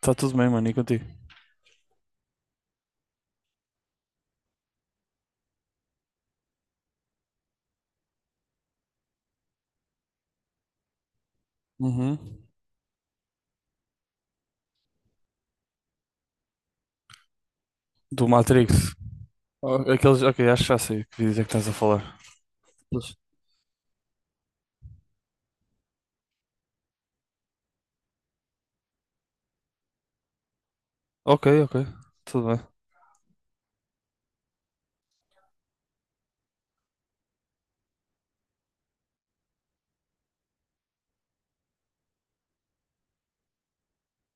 Tá tudo bem, mano, e contigo? Uhum. Do Matrix. Oh, aqueles, ok, acho que já sei que vídeos é que estás a falar. Aqueles- Ok, ok, tudo bem.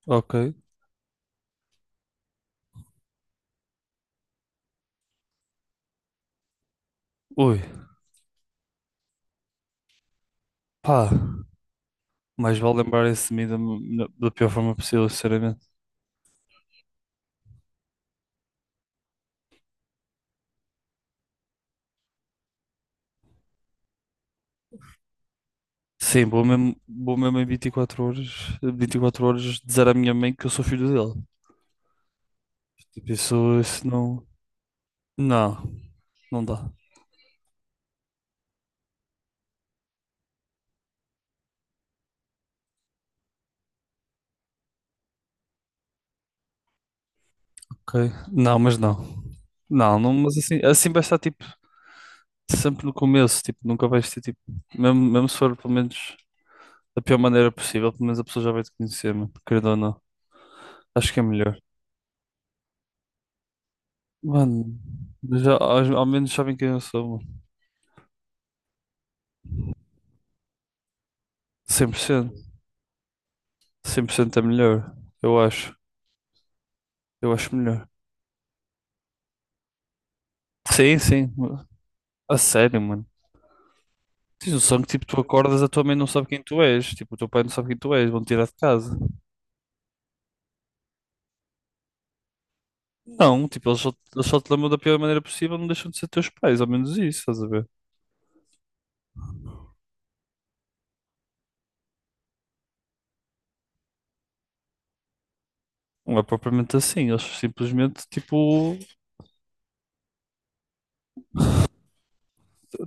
Ok. Ui, pá, mais vale lembrar esse de mim da pior forma possível, sinceramente. Sim, vou mesmo em 24 horas, 24 horas dizer à minha mãe que eu sou filho dele. Tipo, isso não. Não, não dá. Ok? Não, mas não. Não, não, mas assim vai estar tipo sempre no começo, tipo, nunca vais ter tipo, mesmo, mesmo se for pelo menos da pior maneira possível, pelo menos a pessoa já vai te conhecer, mano, querendo ou não. Acho que é melhor. Mano, mas já, ao menos sabem quem eu sou, mano. 100% 100% é melhor, eu acho. Eu acho melhor. Sim, sim. A sério, mano. Tens noção que tipo, tu acordas, a tua mãe não sabe quem tu és, tipo, o teu pai não sabe quem tu és, vão te tirar de casa. Não, tipo, eles só te lembram da pior maneira possível, não deixam de ser teus pais, ao menos isso, estás a ver? Não é propriamente assim, eles simplesmente, tipo,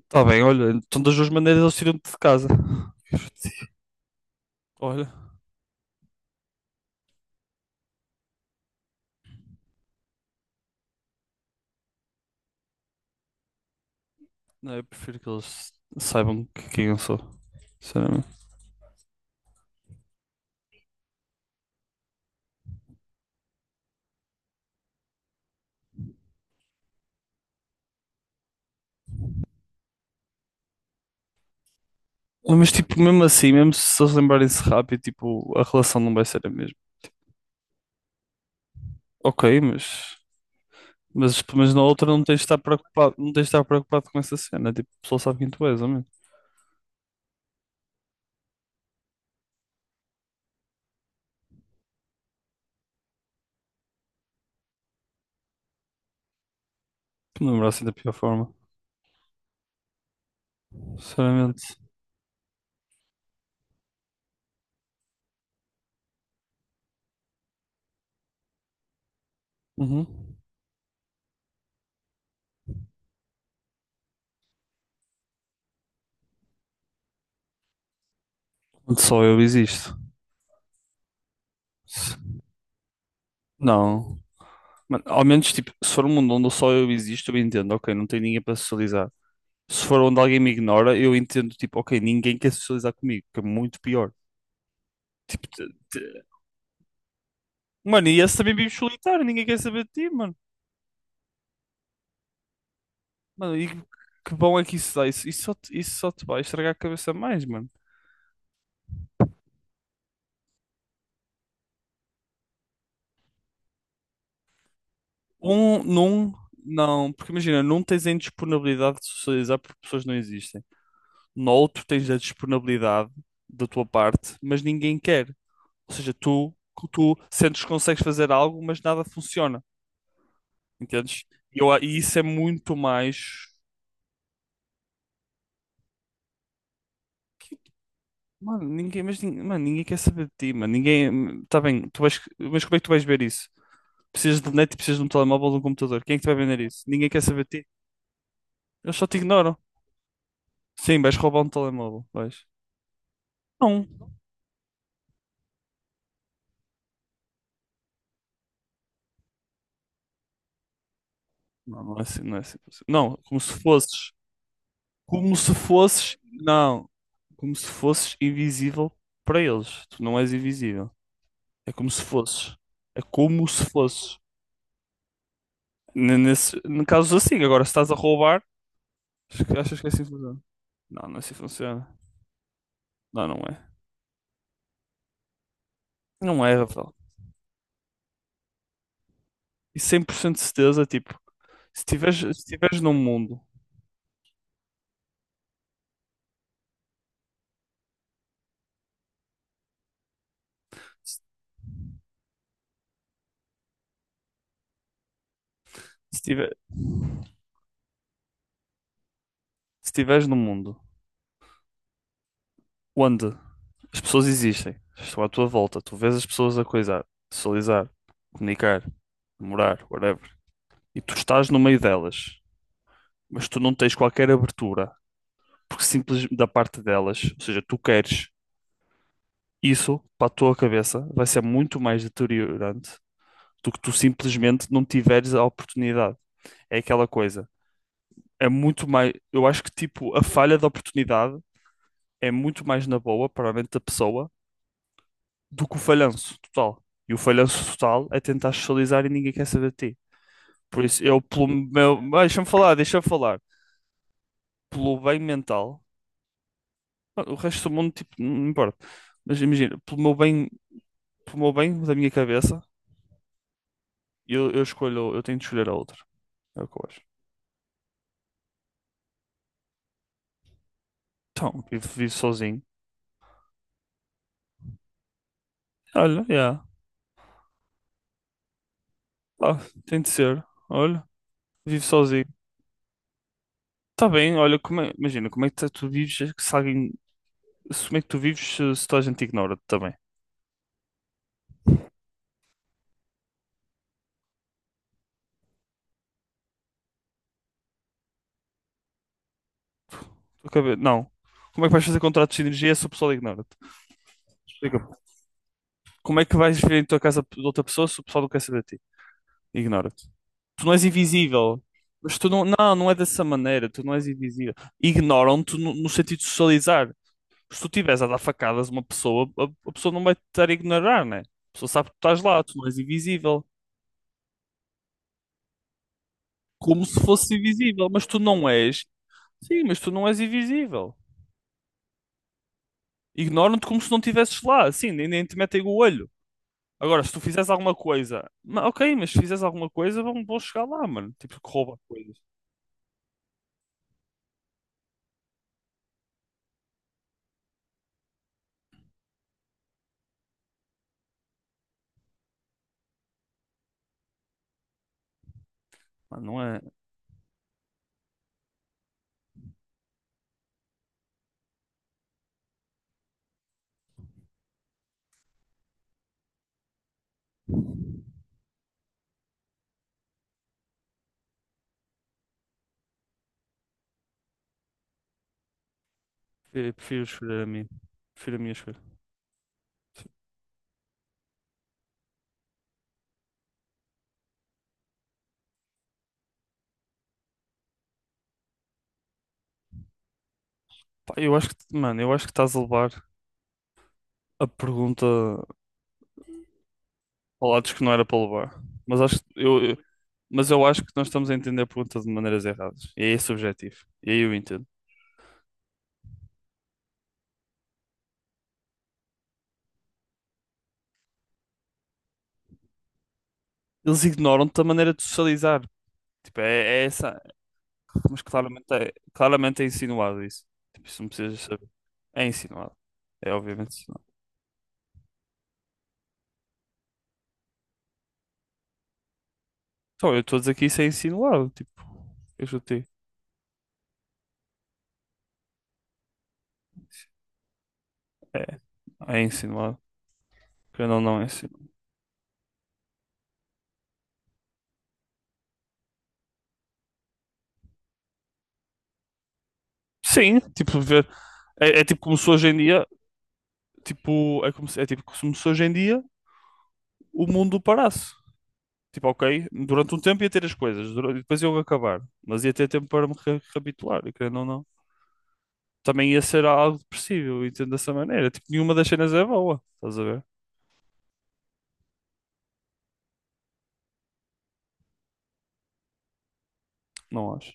tá bem, olha, então das duas maneiras eles tiram-te de casa. Olha, não, eu prefiro que eles quem eu sou, sinceramente. Mas, tipo, mesmo assim, mesmo se eles lembrarem-se rápido, tipo, a relação não vai ser a mesma. Ok, mas. Mas, tipo, mas na outra não tens de estar preocupado, não tens de estar preocupado com essa cena. Tipo, o pessoal sabe quem tu és, homem. Que me lembro assim da pior forma. Sinceramente. Uhum. Onde só eu existo. S- Não. Mano, ao menos, tipo, se for um mundo onde só eu existo, eu entendo, ok, não tem ninguém para socializar. Se for onde alguém me ignora, eu entendo, tipo, ok, ninguém quer socializar comigo, que é muito pior. Tipo, mano, e esse também vive solitário, ninguém quer saber de ti, mano. Mano, e que bom é que isso dá. Isso só te vai estragar a cabeça mais, mano. Um, num, não. Porque imagina, num tens a indisponibilidade de socializar porque pessoas não existem. No outro tens a disponibilidade da tua parte, mas ninguém quer. Ou seja, tu sentes que consegues fazer algo, mas nada funciona. Entendes? E isso é muito mais. que- Mano, mano, ninguém quer saber de ti, mano. Ninguém. Tá bem, tu vais, mas como é que tu vais ver isso? Precisas de net e precisas de um telemóvel ou de um computador. Quem é que te vai vender isso? Ninguém quer saber de ti. Eles só te ignoram. Sim, vais roubar um telemóvel. Vais. Não. Não, não é assim, não é assim. Não, como se fosses. Como se fosses. Não. Como se fosses invisível para eles. Tu não és invisível. É como se fosses. É como se fosses. Nesse, em casos assim. Agora, se estás a roubar, acho que achas que é assim que funciona? Não, não é assim que funciona. Não, não é. Não é, Rafael. E 100% de certeza, tipo, se tiveres num mundo, se se tiver, se tiveres num mundo onde as pessoas existem, estão à tua volta, tu vês as pessoas a coisar, socializar, comunicar, namorar, whatever, e tu estás no meio delas, mas tu não tens qualquer abertura, porque simples da parte delas, ou seja, tu queres isso para a tua cabeça, vai ser muito mais deteriorante do que tu simplesmente não tiveres a oportunidade. É aquela coisa. É muito mais. Eu acho que tipo a falha de oportunidade é muito mais na boa, para a mente da pessoa, do que o falhanço total. E o falhanço total é tentar socializar e ninguém quer saber de ti. Por isso, eu, pelo meu. Ah, deixa-me falar, deixa-me falar. Pelo bem mental, ah, o resto do mundo, tipo, não importa. Mas imagina, pelo meu bem da minha cabeça, eu escolho, eu tenho de escolher a outra. É o que eu acho. Então, vivo sozinho. Olha, yeah. Ah, tem de ser. Olha, vivo sozinho. Tá bem, olha, imagina, como é que tá- tu vives se alguém. Como é que tu vives se toda a gente ignora-te também? Não. Como é que vais fazer contratos de energia se o pessoal ignora-te? Explica. Como é que vais viver em tua casa de outra pessoa se o pessoal não quer saber de ti? Ignora-te. Tu não és invisível. Mas tu não. Não, não é dessa maneira. Tu não és invisível. Ignoram-te no sentido de socializar. Se tu estiveres a dar facadas a uma pessoa, a pessoa não vai te estar a ignorar, né? A pessoa sabe que tu estás lá, tu não és invisível. Como se fosse invisível, mas tu não és. Sim, mas tu não és invisível. Ignoram-te como se não estivesses lá, assim, nem te metem o olho. Agora, se tu fizeres alguma coisa, ok, mas se fizeres alguma coisa, vão chegar lá, mano. Tipo, que rouba coisas. Mano, não é. Eu prefiro escolher a mim. Prefiro a minha escolha. Pá, eu acho que, mano, eu acho que estás a levar a pergunta a lados que não era para levar. Mas acho que mas eu acho que nós estamos a entender a pergunta de maneiras erradas. E é esse o objetivo. E aí eu entendo. Eles ignoram-te a maneira de socializar. Tipo, é essa. Mas claramente é insinuado isso. Tipo, isso não precisas saber. É insinuado. É obviamente insinuado. Então, eu estou a dizer que isso é insinuado. Tipo, eu chutei. É. É insinuado. Querendo ou não, é insinuado. Sim, tipo, ver. É tipo como se hoje em dia. Tipo, é, como se, é tipo como se hoje em dia o mundo parasse. Tipo, ok, durante um tempo ia ter as coisas, depois eu ia acabar, mas ia ter tempo para me reabituar, e querendo ou não. Também ia ser algo depressivo, entendo dessa maneira. Tipo, nenhuma das cenas é boa, estás a ver? Não acho.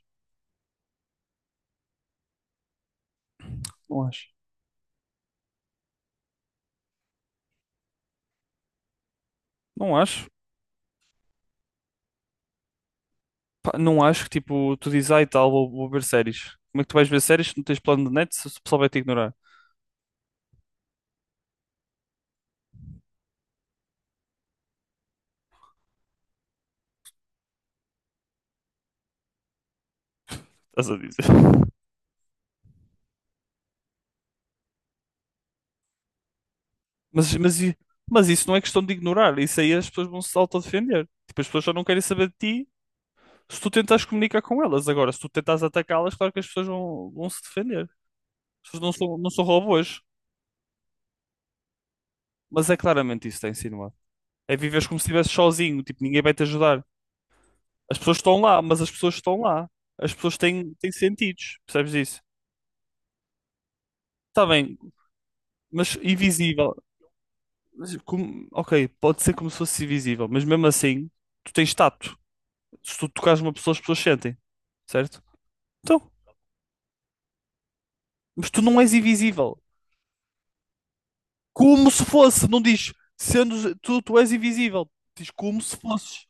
Não acho. Não acho. Pá, não acho que, tipo, tu dizes, ai tal, vou ver séries. Como é que tu vais ver séries se não tens plano de net se o pessoal vai te ignorar? Estás a dizer? Mas, mas, i- mas isso não é questão de ignorar, isso aí as pessoas vão se autodefender. Tipo, as pessoas só não querem saber de ti. Se tu tentas comunicar com elas, agora, se tu tentas atacá-las, claro que as pessoas vão se defender. As pessoas não são robôs. Mas é claramente isso que está insinuado. É viveres como se estivesse sozinho, tipo, ninguém vai te ajudar. As pessoas estão lá, mas as pessoas estão lá. As pessoas têm sentidos, percebes isso? Está bem, mas invisível. Mas ok, pode ser como se fosse invisível, mas mesmo assim, tu tens tato. Se tu tocares uma pessoa, as pessoas sentem, certo? Então, mas tu não és invisível. Como se fosse, não diz sendo tu, tu és invisível. Diz como se fosses.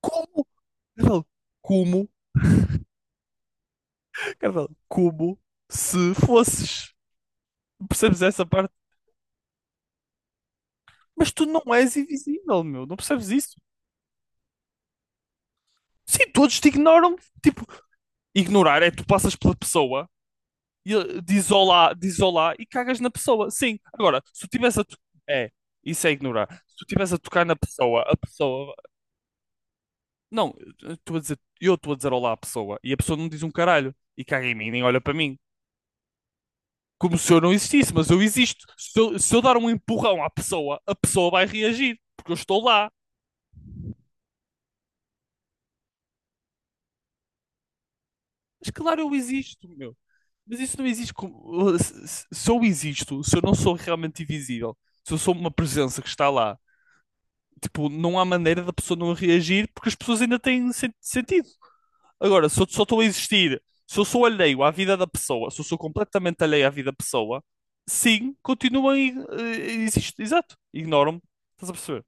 Como? Cara, fala, como? Cara, fala, como se fosses. Percebes essa parte? Mas tu não és invisível, meu. Não percebes isso? Sim, todos te ignoram. Tipo, ignorar é tu passas pela pessoa e diz olá e cagas na pessoa. Sim, agora, se tu tivesse a. É, isso é ignorar. Se tu tivesse a tocar na pessoa, a pessoa. Não, eu estou a dizer olá à pessoa e a pessoa não diz um caralho e caga em mim, nem olha para mim. Como se eu não existisse, mas eu existo. Se eu dar um empurrão à pessoa, a pessoa vai reagir, porque eu estou lá. Mas claro, eu existo, meu. Mas isso não existe como. Eu existo, se eu não sou realmente invisível, se eu sou uma presença que está lá, tipo, não há maneira da pessoa não reagir porque as pessoas ainda têm sentido. Agora, se eu só estou a existir, se eu sou alheio à vida da pessoa, se eu sou completamente alheio à vida da pessoa, sim, continuo a existir. Exato, ignoro-me. Estás a perceber?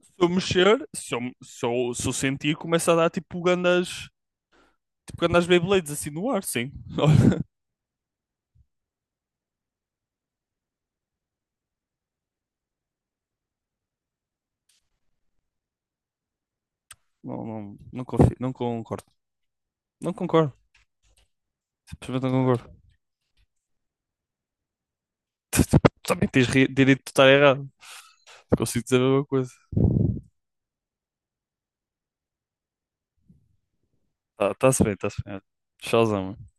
Se eu mexer, se eu sentir, começa a dar tipo grandes Beyblades assim no ar, sim. Não, não, não confio, não concordo. Não concordo, simplesmente não concordo. Tu tu- tu Também tens direito de estar errado. Consigo dizer a mesma coisa. Tá, tá-se bem, tá-se bem. Olha, Tchauzão. Mano.